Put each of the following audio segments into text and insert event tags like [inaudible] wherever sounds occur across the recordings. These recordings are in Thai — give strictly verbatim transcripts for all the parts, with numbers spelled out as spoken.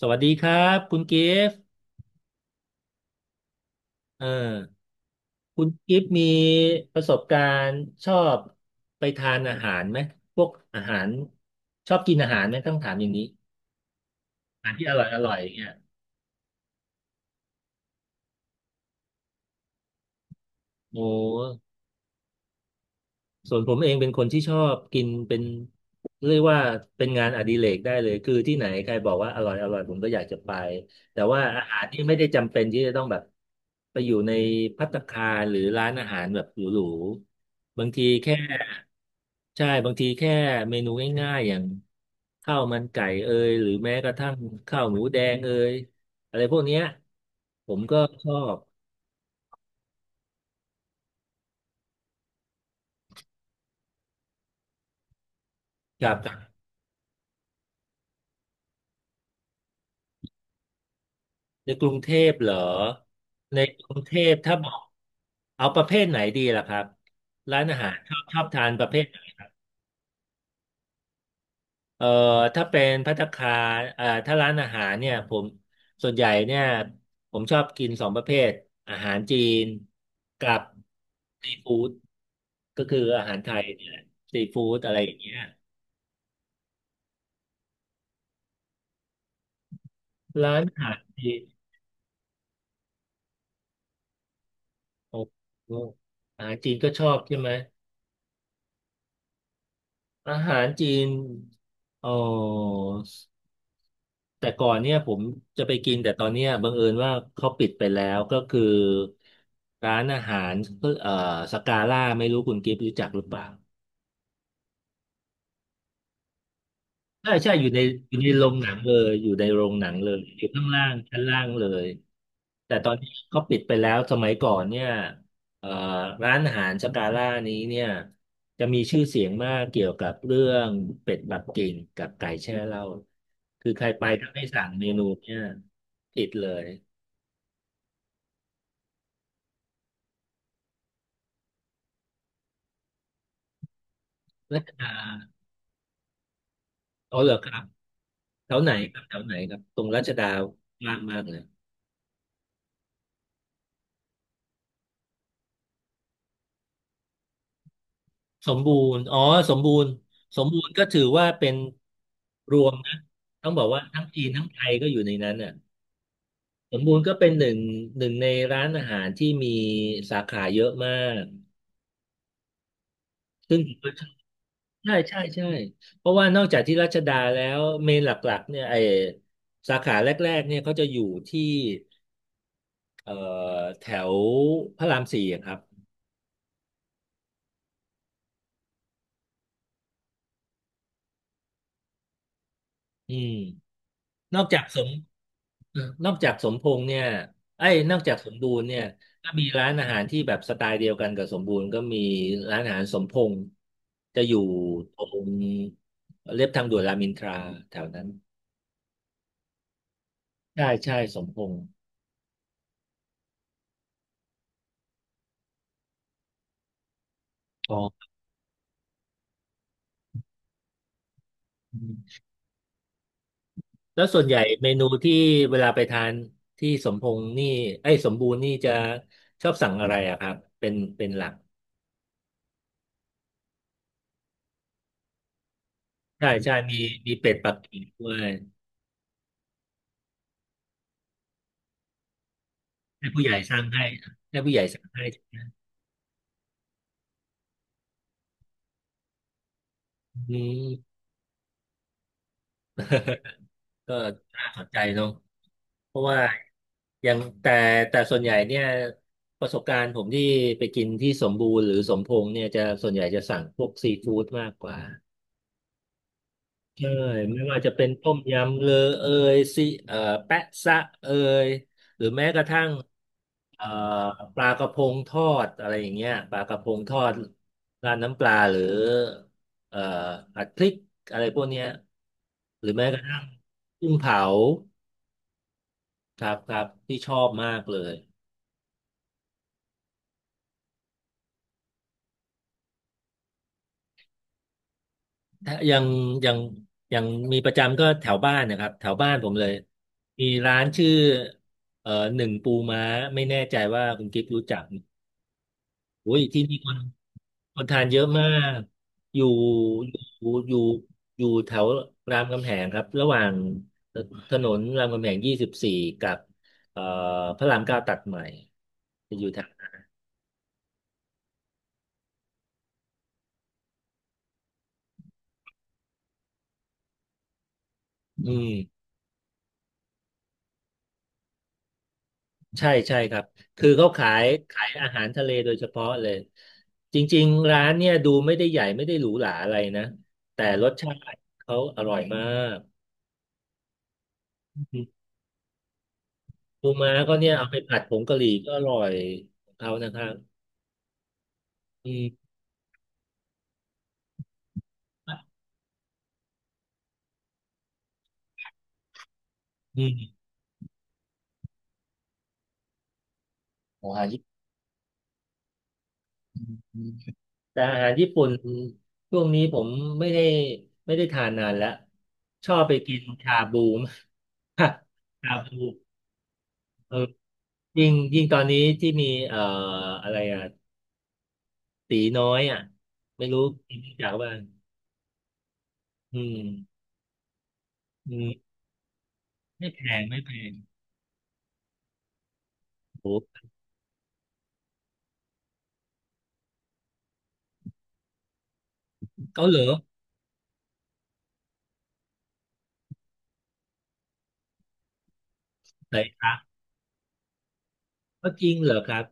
สวัสดีครับคุณกิฟต์เอ่อคุณกิฟต์มีประสบการณ์ชอบไปทานอาหารไหม พวกอาหารชอบกินอาหารไหมต้องถามอย่างนี้อาหารที่อร่อยอร่อยเนี่ยโอ้ ส่วนผมเองเป็นคนที่ชอบกินเป็นเรียกว่าเป็นงานอดิเรกได้เลยคือที่ไหนใครบอกว่าอร่อยอร่อยผมก็อยากจะไปแต่ว่าอาหารที่ไม่ได้จำเป็นที่จะต้องแบบไปอยู่ในภัตตาคารหรือร้านอาหารแบบหรูๆบางทีแค่ใช่บางทีแค่เมนูง่ายๆอย่างข้าวมันไก่เอยหรือแม้กระทั่งข้าวหมูแดงเอยอะไรพวกเนี้ยผมก็ชอบครับ ในกรุงเทพเหรอในกรุงเทพถ้าบอกเอาประเภทไหนดีล่ะครับร้านอาหารชอบชอบทานประเภทไหนเอ่อถ้าเป็นภัตตาคารเอ่อถ้าร้านอาหารเนี่ยผมส่วนใหญ่เนี่ยผมชอบกินสองประเภทอาหารจีนกับซีฟู้ดก็คืออาหารไทยเนี่ยแหละซีฟู้ดอะไรอย่างเงี้ยร้านอาหารจีนโอ้โหอาหารจีนก็ชอบใช่ไหมอาหารจีนอ๋อ แต่ก่อนเนี่ยผมจะไปกินแต่ตอนเนี้ยบังเอิญว่าเขาปิดไปแล้วก็คือร้านอาหารเอ่อสกาล่าไม่รู้คุณกิฟต์รู้จักหรือเปล่าใช่ใช่อยู่ในอยู่ในโรงหนังเลยอยู่ในโรงหนังเลยอยู่ข้างล่างชั้นล่างเลยแต่ตอนนี้เขาปิดไปแล้วสมัยก่อนเนี่ยเอ่อร้านอาหารสกาล่านี้เนี่ยจะมีชื่อเสียงมากเกี่ยวกับเรื่องเป็ดปักกิ่งกับไก่แช่เหล้าคือใครไปถ้าไม่สั่งเมนูเนี่ยติดเลย รัชดาอ๋อเหรอครับแถวไหนครับแถวไหนครับตรงรัชดาว่างมากเลยสมบูรณ์อ๋อสมบูรณ์สมบูรณ์ก็ถือว่าเป็นรวมนะต้องบอกว่าทั้งจีนทั้งไทยก็อยู่ในนั้นอ่ะสมบูรณ์ก็เป็นหนึ่งหนึ่งในร้านอาหารที่มีสาขาเยอะมากซึ่งใช่ใช่ใช่เพราะว่านอกจากที่รัชดาแล้วเมนหลักๆเนี่ยไอสาขาแรกๆเนี่ยเขาจะอยู่ที่เอ่อแถวพระรามสี่อะครับอืม นอกจากสมเออนอกจากสมพงษ์เนี่ยไอ้ยนอกจากสมบูรณ์เนี่ยก็มีร้านอาหารที่แบบสไตล์เดียวกันกับสมบูรณ์ก็มีร้านอาหารสมพงษ์จะอยู่ตรงเรียบทางด่วนรามอินทราแถวนั้นใช่ใช่สมพงษ์อ๋ออืมแล้วส่วนใหญ่เมนูที่เวลาไปทานที่สมพงษ์นี่ไอ้ยสมบูรณ์นี่จะชอบสั่งอะไรอะครับเป็นเป็นหลัก ใช่ใช่มีมีเป็ดปักกิ่งด้วย ให้ผู้ใหญ่สร้างให้ให้ผู้ใหญ่สั่งให้อืม ก็น่าสนใจเนาะเพราะว่าอยางแต่แต่ส่วนใหญ่เนี่ยประสบการณ์ผมที่ไปกินที่สมบูรณ์หรือสมพงษ์เนี่ยจะส่วนใหญ่จะสั่งพวกซีฟู้ดมากกว่าใช่ไม่ว่าจะเป็นต้มยำเลอเอยซีเอ่อแปะซะเอยหรือแม้กระทั่งเอ่อปลากระพงทอดอะไรอย่างเงี้ยปลากระพงทอดราดน้ำปลาหรือเอ่อผัดพริกอะไรพวกเนี้ยหรือแม้กระทั่งกุ้งเผา ครับครับที่ชอบมากเลยถ้ายังยังยังมีประจำก็แถวบ้านนะครับแถวบ้านผมเลยมีร้านชื่อเอ่อหนึ่งปูม้าไม่แน่ใจว่าคุณกิ๊ฟรู้จักไหมโอ้ยที่นี่คนคนทานเยอะมากอยู่อยู่อยู่อยู่แถวรามคำแหงครับระหว่างถนนรามคำแหงยี่สิบสี่กับเอ่อพระรามเก้าตัดใหม่จะอยู่แถวอืม ใช่ใช่ครับคือเขาขายขายอาหารทะเลโดยเฉพาะเลยจริงๆร้านเนี่ยดูไม่ได้ใหญ่ไม่ได้หรูหราอะไรนะแต่รสชาติเขาอร่อยมากปูม้าก็เนี่ยเอาไปผัดผงกะหรี่ก็อร่อยของเขานะครับอืมอืมอาหารญี่ปุ่นแต่อาหารญี่ปุ่นช่วงนี้ผมไม่ได้ไม่ได้ทานนานแล้วชอบไปกินชาบูมาก [laughs] ชาบูเออยิ่งยิ่งตอนนี้ที่มีเอ่ออะไรอ่ะ ตีน้อยอ่ะไม่รู้รู้จักบ้างอืมอืมไม่แพงไม่แพงโอ้เกาเหลอไหนครับก็จริงเหรอครับ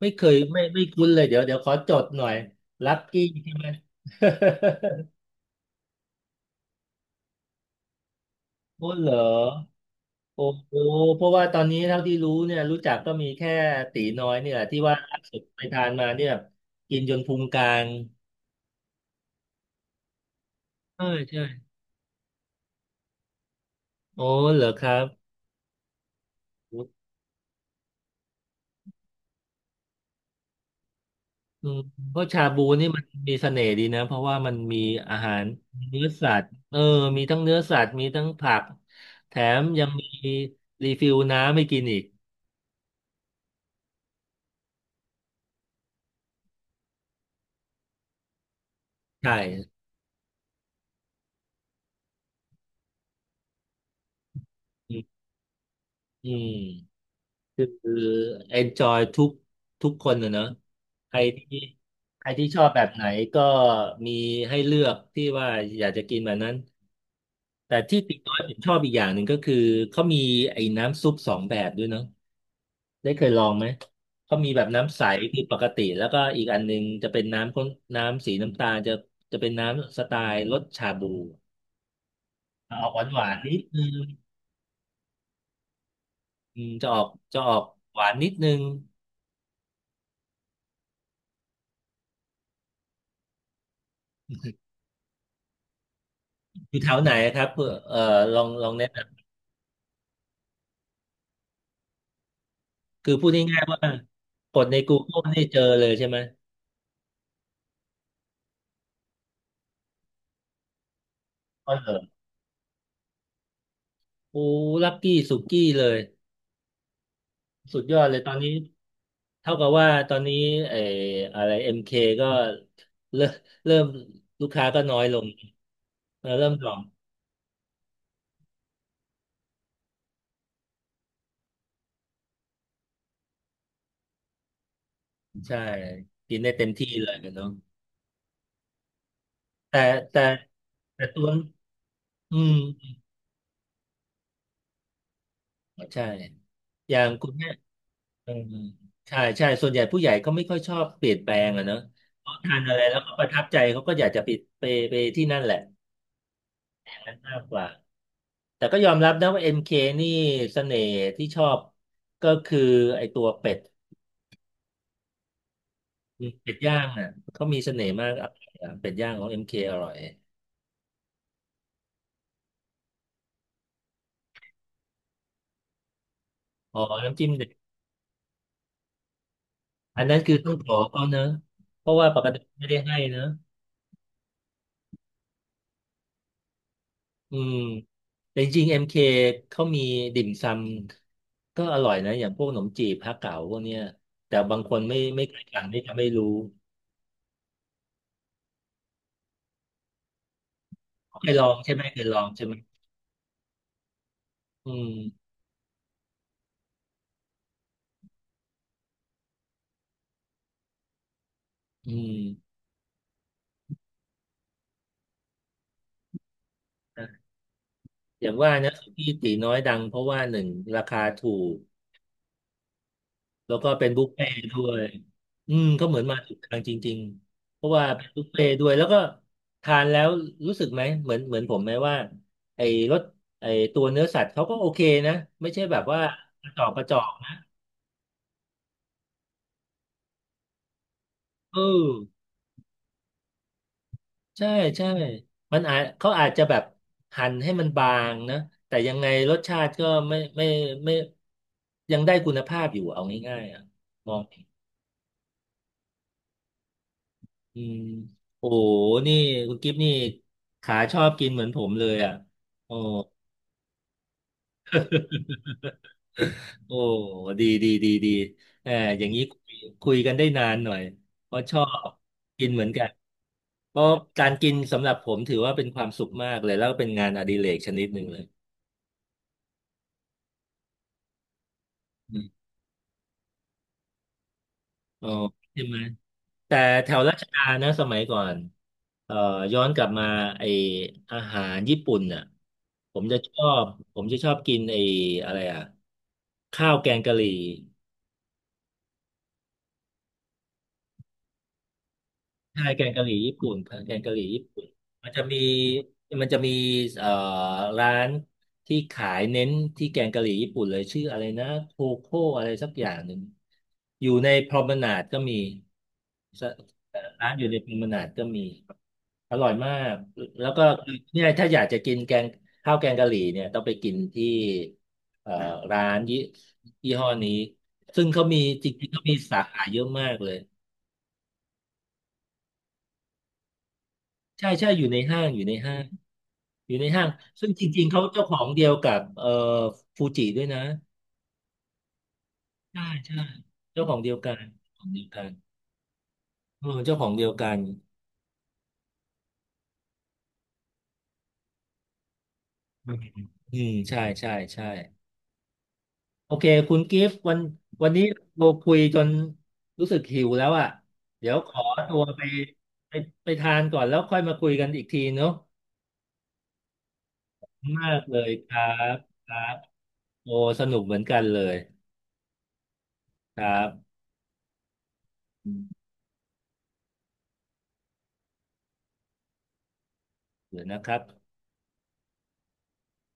ไม่เคยไม่ไม่คุ้นเลยเดี๋ยวเดี๋ยวขอจดหน่อยลักกี้ใช่ไหม [laughs] พูด [laughs] เหรอโอ้โหเพราะว่าตอนนี้เท่าที่รู้เนี่ยรู้จักก็มีแค่ตีน้อยเนี่ยแหละที่ว่าล่าสุดไปทานมาเนี่ยกินจนพุงกลางใช่ใช่โอ้เหรอครับ อืมเพราะชาบูนี่มันมีเสน่ห์ดีนะเพราะว่ามันมีอาหารมีเนื้อสัตว์เออมีทั้งเนื้อสัตว์มีทั้งผักแถมยังมีรีฟิลน้ำให้กินอีกใช่อืมอืมคือ enjoy ทุกทุกคนนะเนอะใครที่ใครที่ชอบแบบไหนก็มีให้เลือกที่ว่าอยากจะกินแบบนั้นแต่ที่ติดน้อยผมชอบอีกอย่างหนึ่งก็คือเขามีไอ้น้ำซุปสองแบบด้วยเนอะ ได้เคยลองไหม เขามีแบบน้ำใสคือปกติแล้วก็อีกอันนึงจะเป็นน้ำข้นน้ำสีน้ำตาลจะจะเป็นน้ำสไตล์รสชาบูออกหวานหวานนิดนึงอืมจะออกจะออกหวานนิดนึงอยู่แถวไหนครับเพื่อเอ่อลองลองแนะนำคือพูดง่ายๆว่ากดใน Google นี่เจอเลยใช่ไหมก็เหรอโอ้ลักกี้สุกี้เลยสุดยอดเลยตอนนี้เท่ากับว่าตอนนี้ไอ้อะไร เอ็ม เค ก็เริ่มเริ่มลูกค้าก็น้อยลงเออเริ่มดรอป ใช่กินได้เต็มที่เลยเนาะแต่แต่แต่ตัวอืมใช่อย่างคุณแม่เออใช่ใช่ส่วนใหญ่ผู้ใหญ่ก็ไม่ค่อยชอบเปลี่ยนแปลงอะเนอะเขาทานอะไรแล้วก็ประทับใจเขาก็อยากจะไปไปไปที่นั่นแหละมากกว่าแต่ก็ยอมรับนะว่า m คนี่เสน่ห์ที่ชอบก็คือไอตัวเป็ดเป็ดย่างอ่ะเขามีเสน่ห์มากอะเป็ดย่างของเ k อร่อยอ๋อน้ำจิ้มเด็ดอันนั้นคือต้องขอเขาเนอะเพราะว่าปกติไม่ได้ให้เนอะ อืมแต่จริงๆ เอ็ม เค เคเขามีติ่มซำก็อร่อยนะอย่างพวกขนมจีบฮะเก๋าพวกเนี้ยแต่บางคนไม่ไม่เคยทานไม่จะไม่รู้เคยลองใช่ไหมเคยลองใช่ไหมอืมอืมอย่างว่านะสุกี้ตีน้อยดังเพราะว่าหนึ่งราคาถูก แล้วก็เป็นบุฟเฟ่ต์ด้วยอืมก็เหมือนมาถูกทางจริงๆเพราะว่าเป็นบุฟเฟ่ต์ด้วยแล้วก็ทานแล้วรู้สึกไหมเหมือนเหมือนผมไหมว่าไอ้รสไอ้ตัวเนื้อสัตว์เขาก็โอเคนะไม่ใช่แบบว่ากระจอกกระจอกเออใช่ใช่มันอาจเขาอาจจะแบบหั่นให้มันบางนะแต่ยังไงรสชาติก็ไม่ไม่ไม่ยังได้คุณภาพอยู่เอาง่ายๆอ่ะมอง อืมโอ้โหนี่คุณกิฟนี่ขาชอบกินเหมือนผมเลยอ่ะโอ้ [laughs] โอ้ดีดีดีดีเอออย่างนี้คุยคุยกันได้นานหน่อยเพราะชอบกินเหมือนกันเพราะการกินสำหรับผมถือว่าเป็นความสุขมากเลยแล้วก็เป็นงานอดิเรกชนิดหนึ่งเลยอืมอ๋อใช่ไหม แต่แถวรัชดานะสมัยก่อนเอ่อย้อนกลับมาไออาหารญี่ปุ่นน่ะผมจะชอบผมจะชอบกินไออะไรอ่ะข้าวแกงกะหรี่ ใช่แกงกะหรี่ญี่ปุ่นแกงกะหรี่ญี่ปุ่นมันจะมีมันจะมีเอ่อร้านที่ขายเน้นที่แกงกะหรี่ญี่ปุ่นเลยชื่ออะไรนะโคโค่อะไรสักอย่างหนึ่งอยู่ในพรอมนาดก็มีสร้านอยู่ในพรอมนาดก็มีอร่อยมากแล้วก็เนี่ยถ้าอยากจะกินแกงข้าวแกงกะหรี่เนี่ยต้องไปกินที่เอ่อร้านยี่ยี่ห้อนี้ซึ่งเขามีจริงๆเขามีสาขาเยอะมากเลย ใช่ใช่อยู่ในห้างอยู่ในห้างอยู่ในห้างซึ่งจริงๆเขาเจ้าของเดียวกับเอ่อฟูจิด้วยนะใช่ใช่เจ้าของเดียวกันเจ้าของเดียวกันเออเจ้าของเดียวกันอืมอืมใช่ใช่ใช่โอเคคุณกิฟต์วันวันนี้เราคุยจนรู้สึกหิวแล้วอ่ะเดี๋ยวขอตัวไปไปไปทานก่อนแล้วค่อยมาคุยกันอีกทีเนาะมากเลยครับครับโอ้สนุกเหมือนกันเลยครับอืมเดี๋ยวนะครับ